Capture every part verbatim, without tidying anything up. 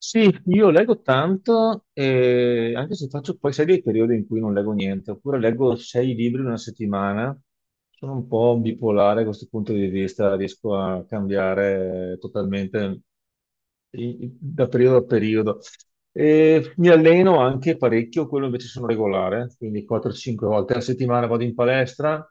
Sì, io leggo tanto, e anche se faccio poi, sai, dei periodi in cui non leggo niente, oppure leggo sei libri in una settimana. Sono un po' bipolare da questo punto di vista, riesco a cambiare totalmente i- i- da periodo a periodo. E mi alleno anche parecchio, quello invece sono regolare, quindi quattro o cinque volte alla settimana vado in palestra.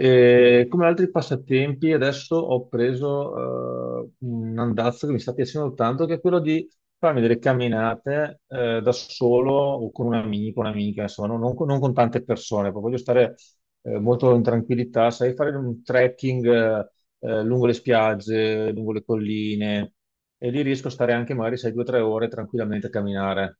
E come altri passatempi, adesso ho preso eh, un andazzo che mi sta piacendo tanto, che è quello di farmi delle camminate eh, da solo o con un amico, un'amica, insomma, non, non con non con tante persone, poi voglio stare eh, molto in tranquillità, sai, fare un trekking eh, eh, lungo le spiagge, lungo le colline, e lì riesco a stare anche magari, sai, due o tre ore tranquillamente a camminare.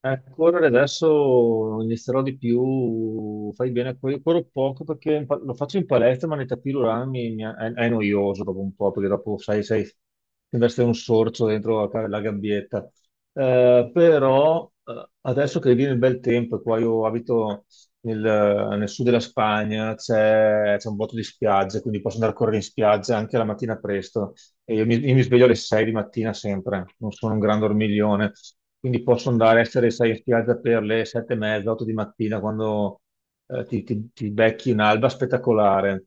Eh, correre adesso inizierò di più, fai bene, a correre. Corro poco perché in pa- lo faccio in palestra, ma nei tapis roulant mi, mi- è, è noioso dopo un po', perché dopo sai, sai, ti investe un sorcio dentro la, la gabbietta. Eh, però eh, adesso che viene il bel tempo, qua io abito nel, nel sud della Spagna, c'è c'è un botto di spiagge, quindi posso andare a correre in spiaggia anche la mattina presto. E io mi, io mi sveglio alle sei di mattina sempre, non sono un gran dormiglione, quindi posso andare a essere, sai, in spiaggia per le sette e mezza, otto di mattina quando eh, ti, ti- ti becchi un'alba spettacolare.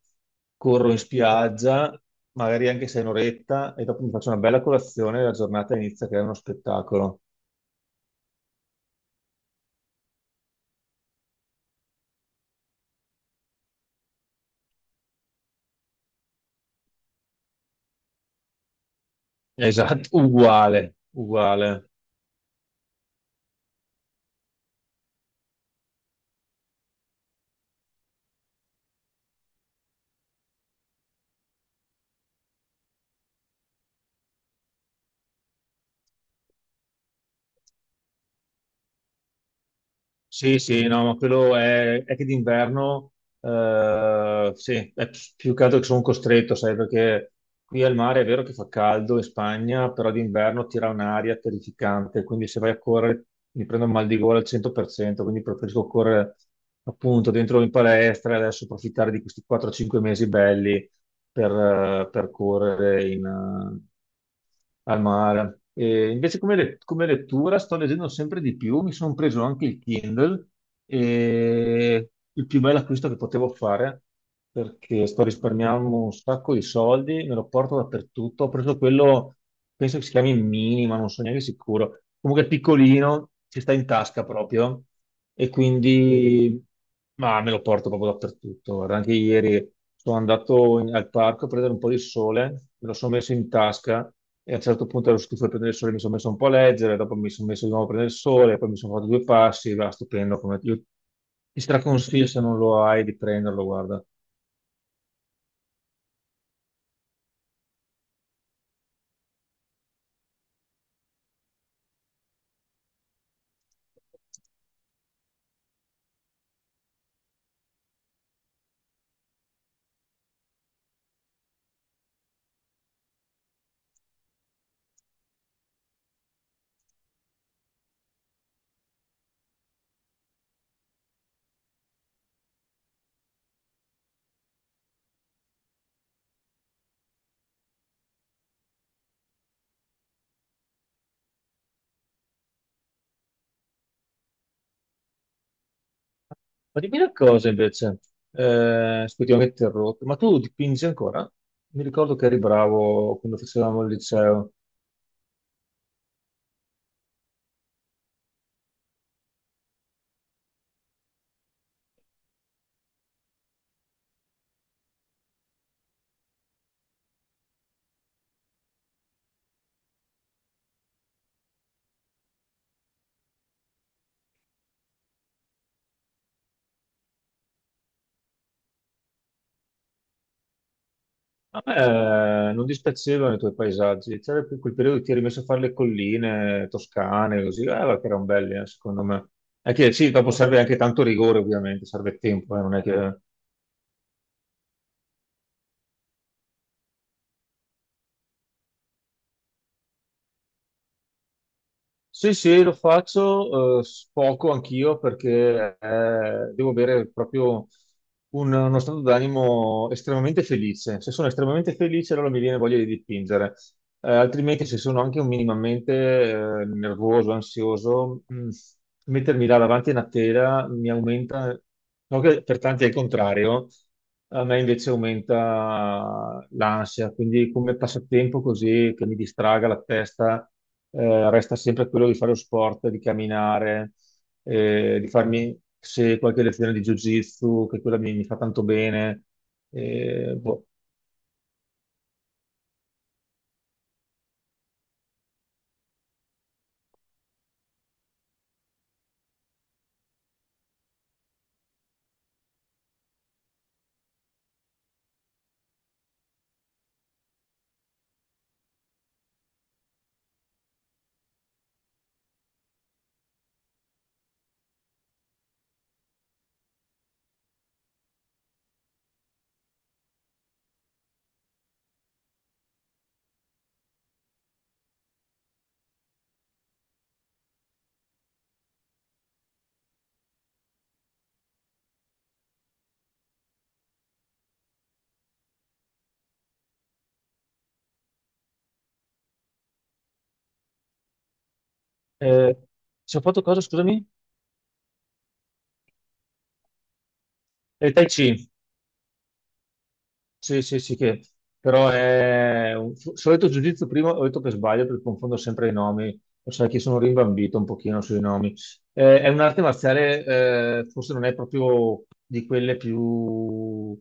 Corro in spiaggia, magari anche se è un'oretta, e dopo mi faccio una bella colazione e la giornata inizia che è uno spettacolo. Esatto, uguale, uguale. Sì, sì, no, ma quello è, è che d'inverno, eh, sì, è pi- più che altro che sono costretto, sai, perché qui al mare è vero che fa caldo in Spagna, però d'inverno tira un'aria terrificante, quindi se vai a correre mi prendo il mal di gola al cento per cento, quindi preferisco correre appunto dentro in palestra e adesso approfittare di questi quattro o cinque mesi belli per, eh, per correre in, eh, al mare. E invece come, le- come lettura sto leggendo sempre di più, mi sono preso anche il Kindle e il più bello acquisto che potevo fare perché sto risparmiando un sacco di soldi, me lo porto dappertutto. Ho preso quello, penso che si chiami Mini, ma non sono neanche sicuro. Comunque è piccolino, ci sta in tasca proprio e quindi ma me lo porto proprio dappertutto. Guarda, anche ieri sono andato in- al parco a prendere un po' di sole, me lo sono messo in tasca e a un certo punto ero stufo di prendere il sole, mi sono messo un po' a leggere, dopo mi sono messo di nuovo a prendere il sole, poi mi sono fatto due passi, va stupendo. Come io ti straconsiglio se non lo hai di prenderlo, guarda. Ma dimmi una cosa invece, eh, scusi, ho interrotto, ma tu dipingi ancora? Mi ricordo che eri bravo quando facevamo il liceo. A me eh, non dispiacevano i tuoi paesaggi, c'era più quel periodo che ti eri messo a fare le colline toscane, così, eh, ma che erano belli, eh, secondo me. È che sì, dopo serve anche tanto rigore, ovviamente, serve tempo, eh, non è che sì, sì, lo faccio eh, poco anch'io perché eh, devo avere proprio un- uno stato d'animo estremamente felice. Se sono estremamente felice, allora mi viene voglia di dipingere. Eh, altrimenti, se sono anche un minimamente eh, nervoso, ansioso, mh, mettermi là davanti a una tela mi aumenta, no che per tanti è il contrario, a me invece aumenta l'ansia. Quindi, come passatempo così che mi distraga la testa eh, resta sempre quello di fare lo sport, di camminare, eh, di farmi se qualche lezione di Jiu-Jitsu, che quella mi, mi fa tanto bene. Eh, boh. Eh, ci ho fatto cosa, scusami? Eh, tai Chi. Sì, sì, sì, che però è un f- solito giudizio prima, ho detto per sbaglio perché confondo sempre i nomi, lo sai che sono rimbambito un pochino sui nomi. Eh, è un'arte marziale, eh, forse non è proprio di quelle più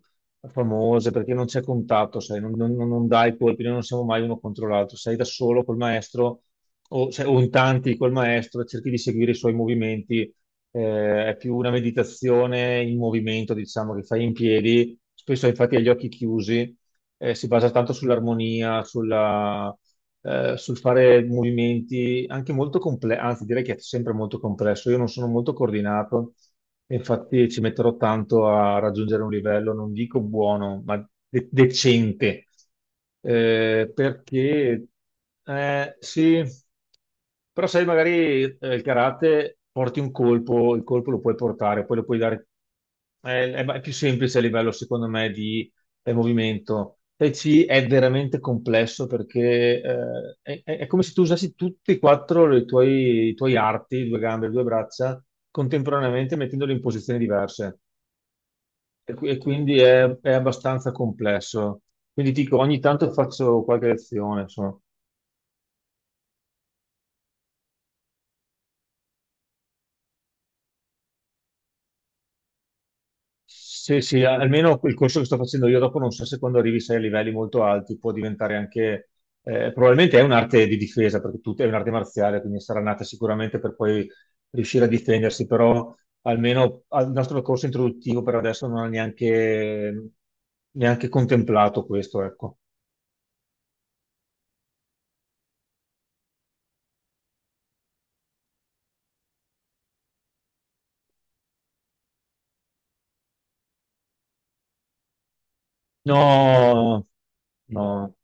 famose perché non c'è contatto, sai, non, non- non dai colpi, noi non siamo mai uno contro l'altro, sei da solo col maestro o, se- o in tanti col maestro, e cerchi di seguire i suoi movimenti. Eh, è più una meditazione in movimento, diciamo, che fai in piedi, spesso infatti agli occhi chiusi, eh, si basa tanto sull'armonia, sulla, eh, sul fare movimenti anche molto complessi, anzi direi che è sempre molto complesso. Io non sono molto coordinato, e infatti ci metterò tanto a raggiungere un livello, non dico buono, ma de- decente, eh, perché eh, sì, però sai, magari eh, il karate porti un colpo, il colpo lo puoi portare, poi lo puoi dare. È, è- è più semplice a livello, secondo me, di del movimento. Tai Chi è veramente complesso perché eh, è, è- è come se tu usassi tutti e quattro le tuoi- i tuoi arti, due gambe, due braccia, contemporaneamente mettendoli in posizioni diverse. E, qui- e quindi è, è abbastanza complesso. Quindi dico, ogni tanto faccio qualche lezione, insomma. Sì, sì, almeno il corso che sto facendo io dopo non so se quando arrivi sei a livelli molto alti può diventare anche, eh, probabilmente è un'arte di difesa, perché tu è un'arte marziale, quindi sarà nata sicuramente per poi riuscire a difendersi, però almeno al nostro corso introduttivo per adesso non ha neanche, neanche contemplato questo, ecco. No, no.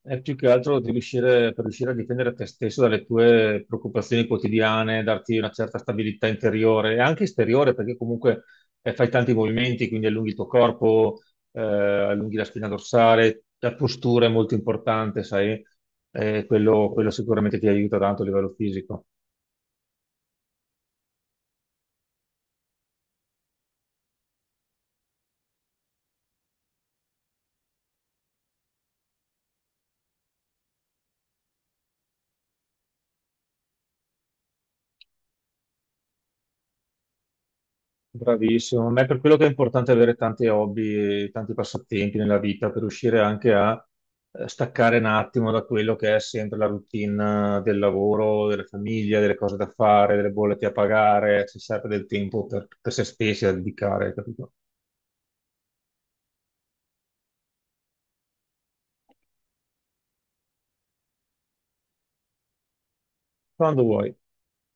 È più che altro di riuscire, per riuscire a difendere te stesso dalle tue preoccupazioni quotidiane, darti una certa stabilità interiore e anche esteriore, perché comunque eh, fai tanti movimenti, quindi allunghi il tuo corpo, eh, allunghi la spina dorsale, la postura è molto importante, sai. Eh, quello quello sicuramente ti aiuta tanto a livello fisico. Bravissimo, ma è per quello che è importante avere tanti hobby e tanti passatempi nella vita per riuscire anche a eh, staccare un attimo da quello che è sempre la routine del lavoro, della famiglia, delle cose da fare, delle bollette a pagare, si serve del tempo per, per se stessi da dedicare, capito? Quando vuoi.